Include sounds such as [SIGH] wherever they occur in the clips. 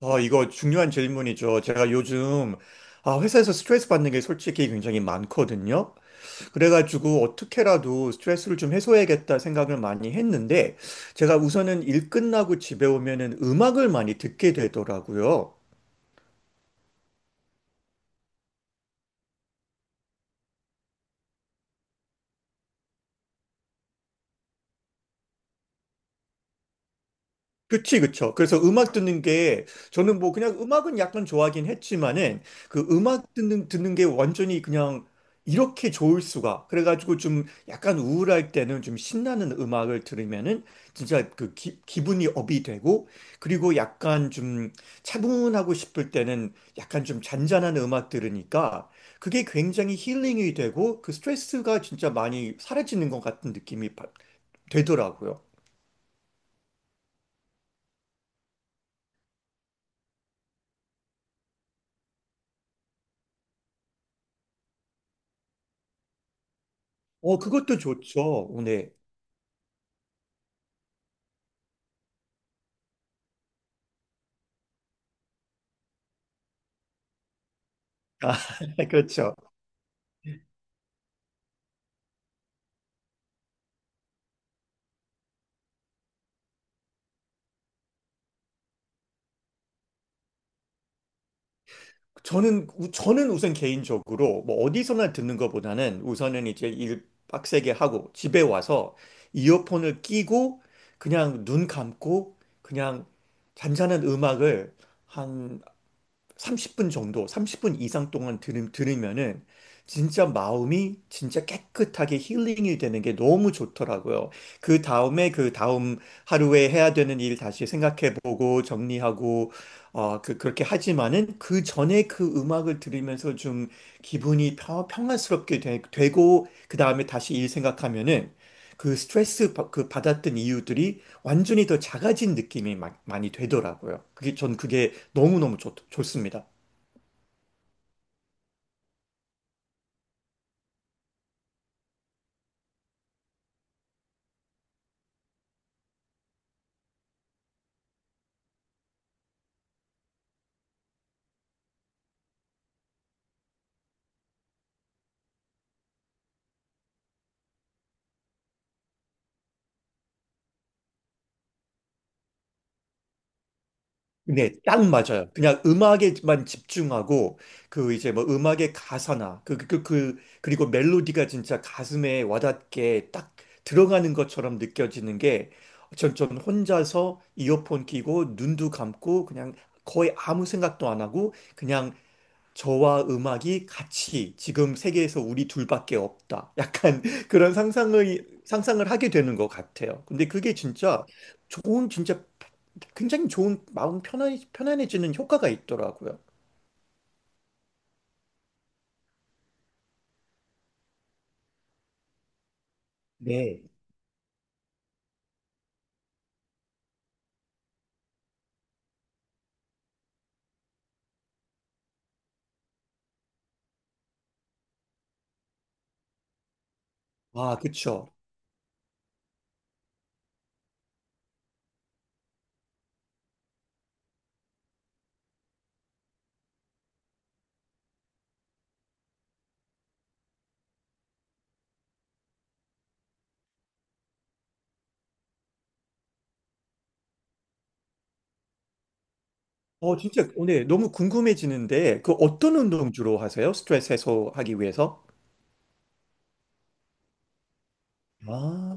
이거 중요한 질문이죠. 제가 요즘 회사에서 스트레스 받는 게 솔직히 굉장히 많거든요. 그래가지고 어떻게라도 스트레스를 좀 해소해야겠다 생각을 많이 했는데 제가 우선은 일 끝나고 집에 오면은 음악을 많이 듣게 되더라고요. 그쵸. 그래서 음악 듣는 게, 저는 뭐 그냥 음악은 약간 좋아하긴 했지만은, 그 음악 듣는 게 완전히 그냥 이렇게 좋을 수가. 그래가지고 좀 약간 우울할 때는 좀 신나는 음악을 들으면은 진짜 기분이 업이 되고, 그리고 약간 좀 차분하고 싶을 때는 약간 좀 잔잔한 음악 들으니까 그게 굉장히 힐링이 되고, 그 스트레스가 진짜 많이 사라지는 것 같은 되더라고요. 그것도 좋죠. 네. 네, 그렇죠. 저는 우선 개인적으로 뭐 어디서나 듣는 것보다는 우선은 이제 일 빡세게 하고 집에 와서 이어폰을 끼고 그냥 눈 감고 그냥 잔잔한 음악을 한 30분 정도, 30분 이상 동안 들으면은 진짜 마음이 진짜 깨끗하게 힐링이 되는 게 너무 좋더라고요. 그 다음에 그 다음 하루에 해야 되는 일 다시 생각해보고 정리하고 그렇게 하지만은 그 전에 그 음악을 들으면서 좀 기분이 평안스럽게 되고 그 다음에 다시 일 생각하면은 그 받았던 이유들이 완전히 더 작아진 많이 되더라고요. 그게 전 그게 너무너무 좋습니다. 네, 딱 맞아요. 그냥 음악에만 집중하고 그 이제 뭐 음악의 가사나 그리고 멜로디가 진짜 가슴에 와닿게 딱 들어가는 것처럼 느껴지는 게 전 혼자서 이어폰 끼고 눈도 감고 그냥 거의 아무 생각도 안 하고 그냥 저와 음악이 같이 지금 세계에서 우리 둘밖에 없다. 약간 [LAUGHS] 그런 상상의 상상을 하게 되는 것 같아요. 근데 그게 진짜 좋은 진짜 굉장히 좋은 마음 편안해지는 효과가 있더라고요. 네. 그쵸. 진짜 오늘 너무 궁금해지는데 그 어떤 운동 주로 하세요? 스트레스 해소하기 위해서? 아.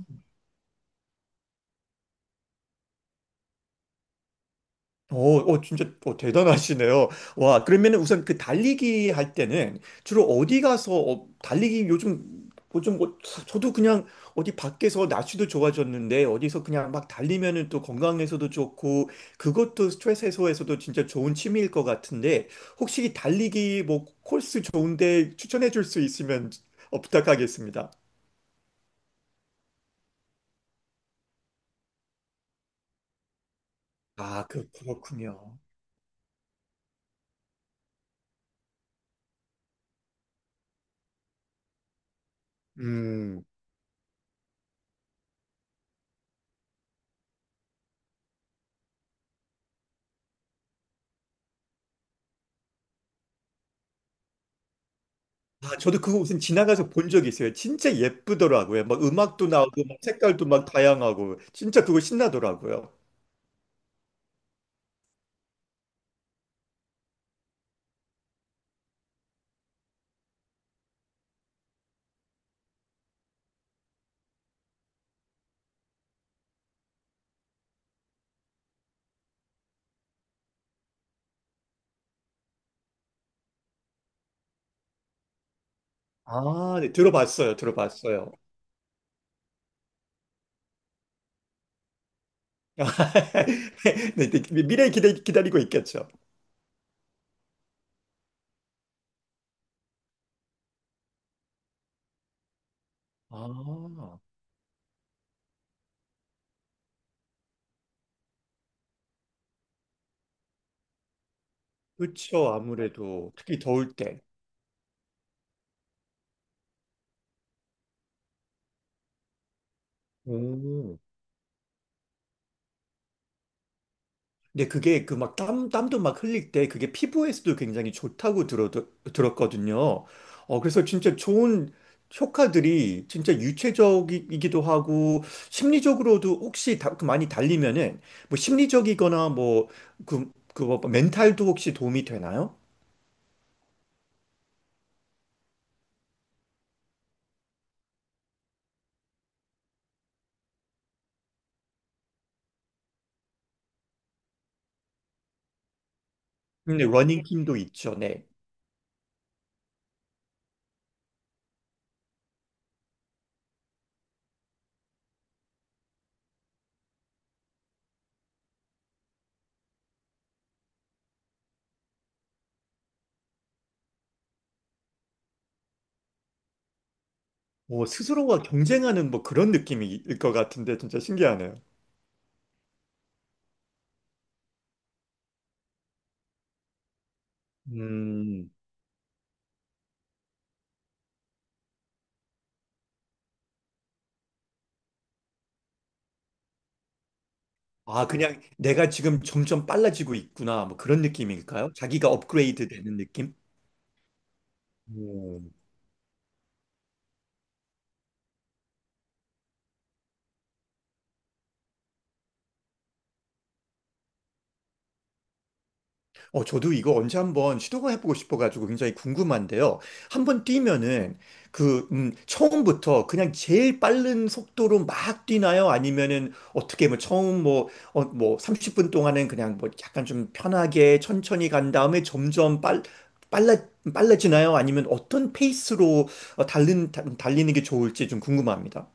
진짜 어, 대단하시네요. 와, 그러면 은 우선 그 달리기 할 때는 주로 어디 가서 달리기 요즘 저도 그냥 어디 밖에서 날씨도 좋아졌는데 어디서 그냥 막 달리면은 또 건강에서도 좋고 그것도 스트레스 해소에서도 진짜 좋은 취미일 것 같은데 혹시 이 달리기 뭐 코스 좋은데 추천해 줄 수 있으면 부탁하겠습니다. 그렇군요. 음. 아, 저도 그거 무슨 지나가서 본 적이 있어요. 진짜 예쁘더라고요. 막 음악도 나오고 막 색깔도 막 다양하고 진짜 그거 신나더라고요. 아, 네, 들어봤어요. 들어봤어요. [LAUGHS] 네, 네, 미래에 기다리고 있겠죠. 아, 그렇죠. 아무래도 특히 더울 때. 오. 근데 그게 그 막 땀도 막 흘릴 때 그게 피부에서도 굉장히 좋다고 들었거든요. 그래서 진짜 좋은 효과들이 진짜 유체적이기도 하고 심리적으로도 혹시 다, 그 많이 달리면은 뭐 심리적이거나 그뭐 멘탈도 혹시 도움이 되나요? 근데 러닝팀도 있죠. 네. 뭐 스스로와 경쟁하는 뭐 그런 느낌일 것 같은데 진짜 신기하네요. 음. 아, 그냥 내가 지금 점점 빨라지고 있구나. 뭐 그런 느낌일까요? 자기가 업그레이드 되는 느낌? 음. 저도 이거 언제 한번 시도가 해보고 싶어가지고 굉장히 궁금한데요. 한번 뛰면은 처음부터 그냥 제일 빠른 속도로 막 뛰나요? 아니면은 어떻게 뭐 처음 뭐, 어, 뭐 30분 동안은 그냥 뭐 약간 좀 편하게 천천히 간 다음에 점점 빨라, 빨라지나요? 아니면 어떤 페이스로 달리는 게 좋을지 좀 궁금합니다.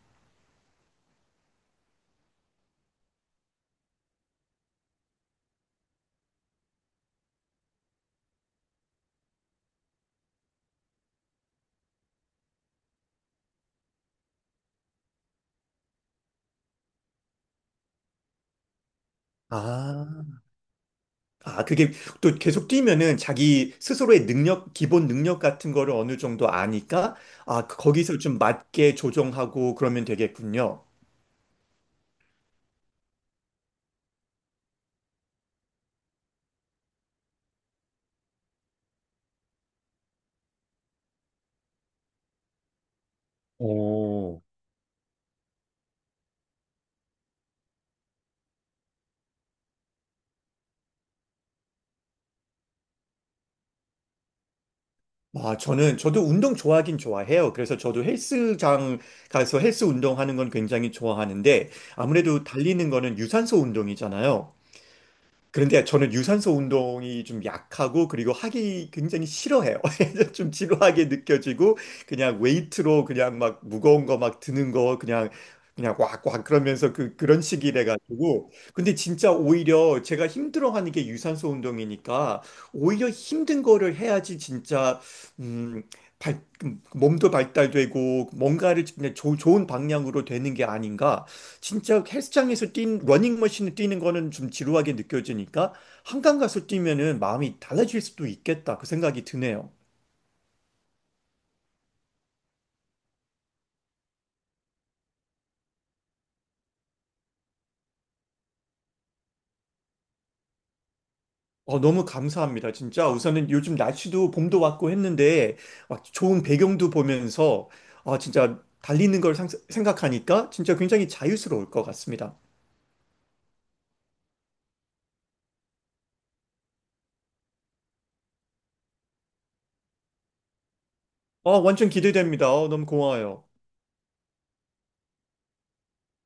아, 그게 또 계속 뛰면은 자기 스스로의 능력, 기본 능력 같은 거를 어느 정도 아니까, 거기서 좀 맞게 조정하고 그러면 되겠군요. 오, 저도 운동 좋아하긴 좋아해요. 그래서 저도 헬스장 가서 헬스 운동하는 건 굉장히 좋아하는데, 아무래도 달리는 거는 유산소 운동이잖아요. 그런데 저는 유산소 운동이 좀 약하고 그리고 하기 굉장히 싫어해요. [LAUGHS] 좀 지루하게 느껴지고 그냥 웨이트로 그냥 막 무거운 거 막 드는 거 그냥 그냥 꽉꽉 그러면서 그 그런 식이래 가지고 근데 진짜 오히려 제가 힘들어하는 게 유산소 운동이니까 오히려 힘든 거를 해야지 진짜 음 발, 몸도 발달되고 뭔가를 그냥 좋은 방향으로 되는 게 아닌가 진짜 헬스장에서 뛴 러닝머신을 뛰는 거는 좀 지루하게 느껴지니까 한강 가서 뛰면은 마음이 달라질 수도 있겠다 그 생각이 드네요. 너무 감사합니다. 진짜 우선은 요즘 날씨도 봄도 왔고 했는데 막 좋은 배경도 보면서 아 진짜 생각하니까 진짜 굉장히 자유스러울 것 같습니다. 완전 기대됩니다. 너무 고마워요.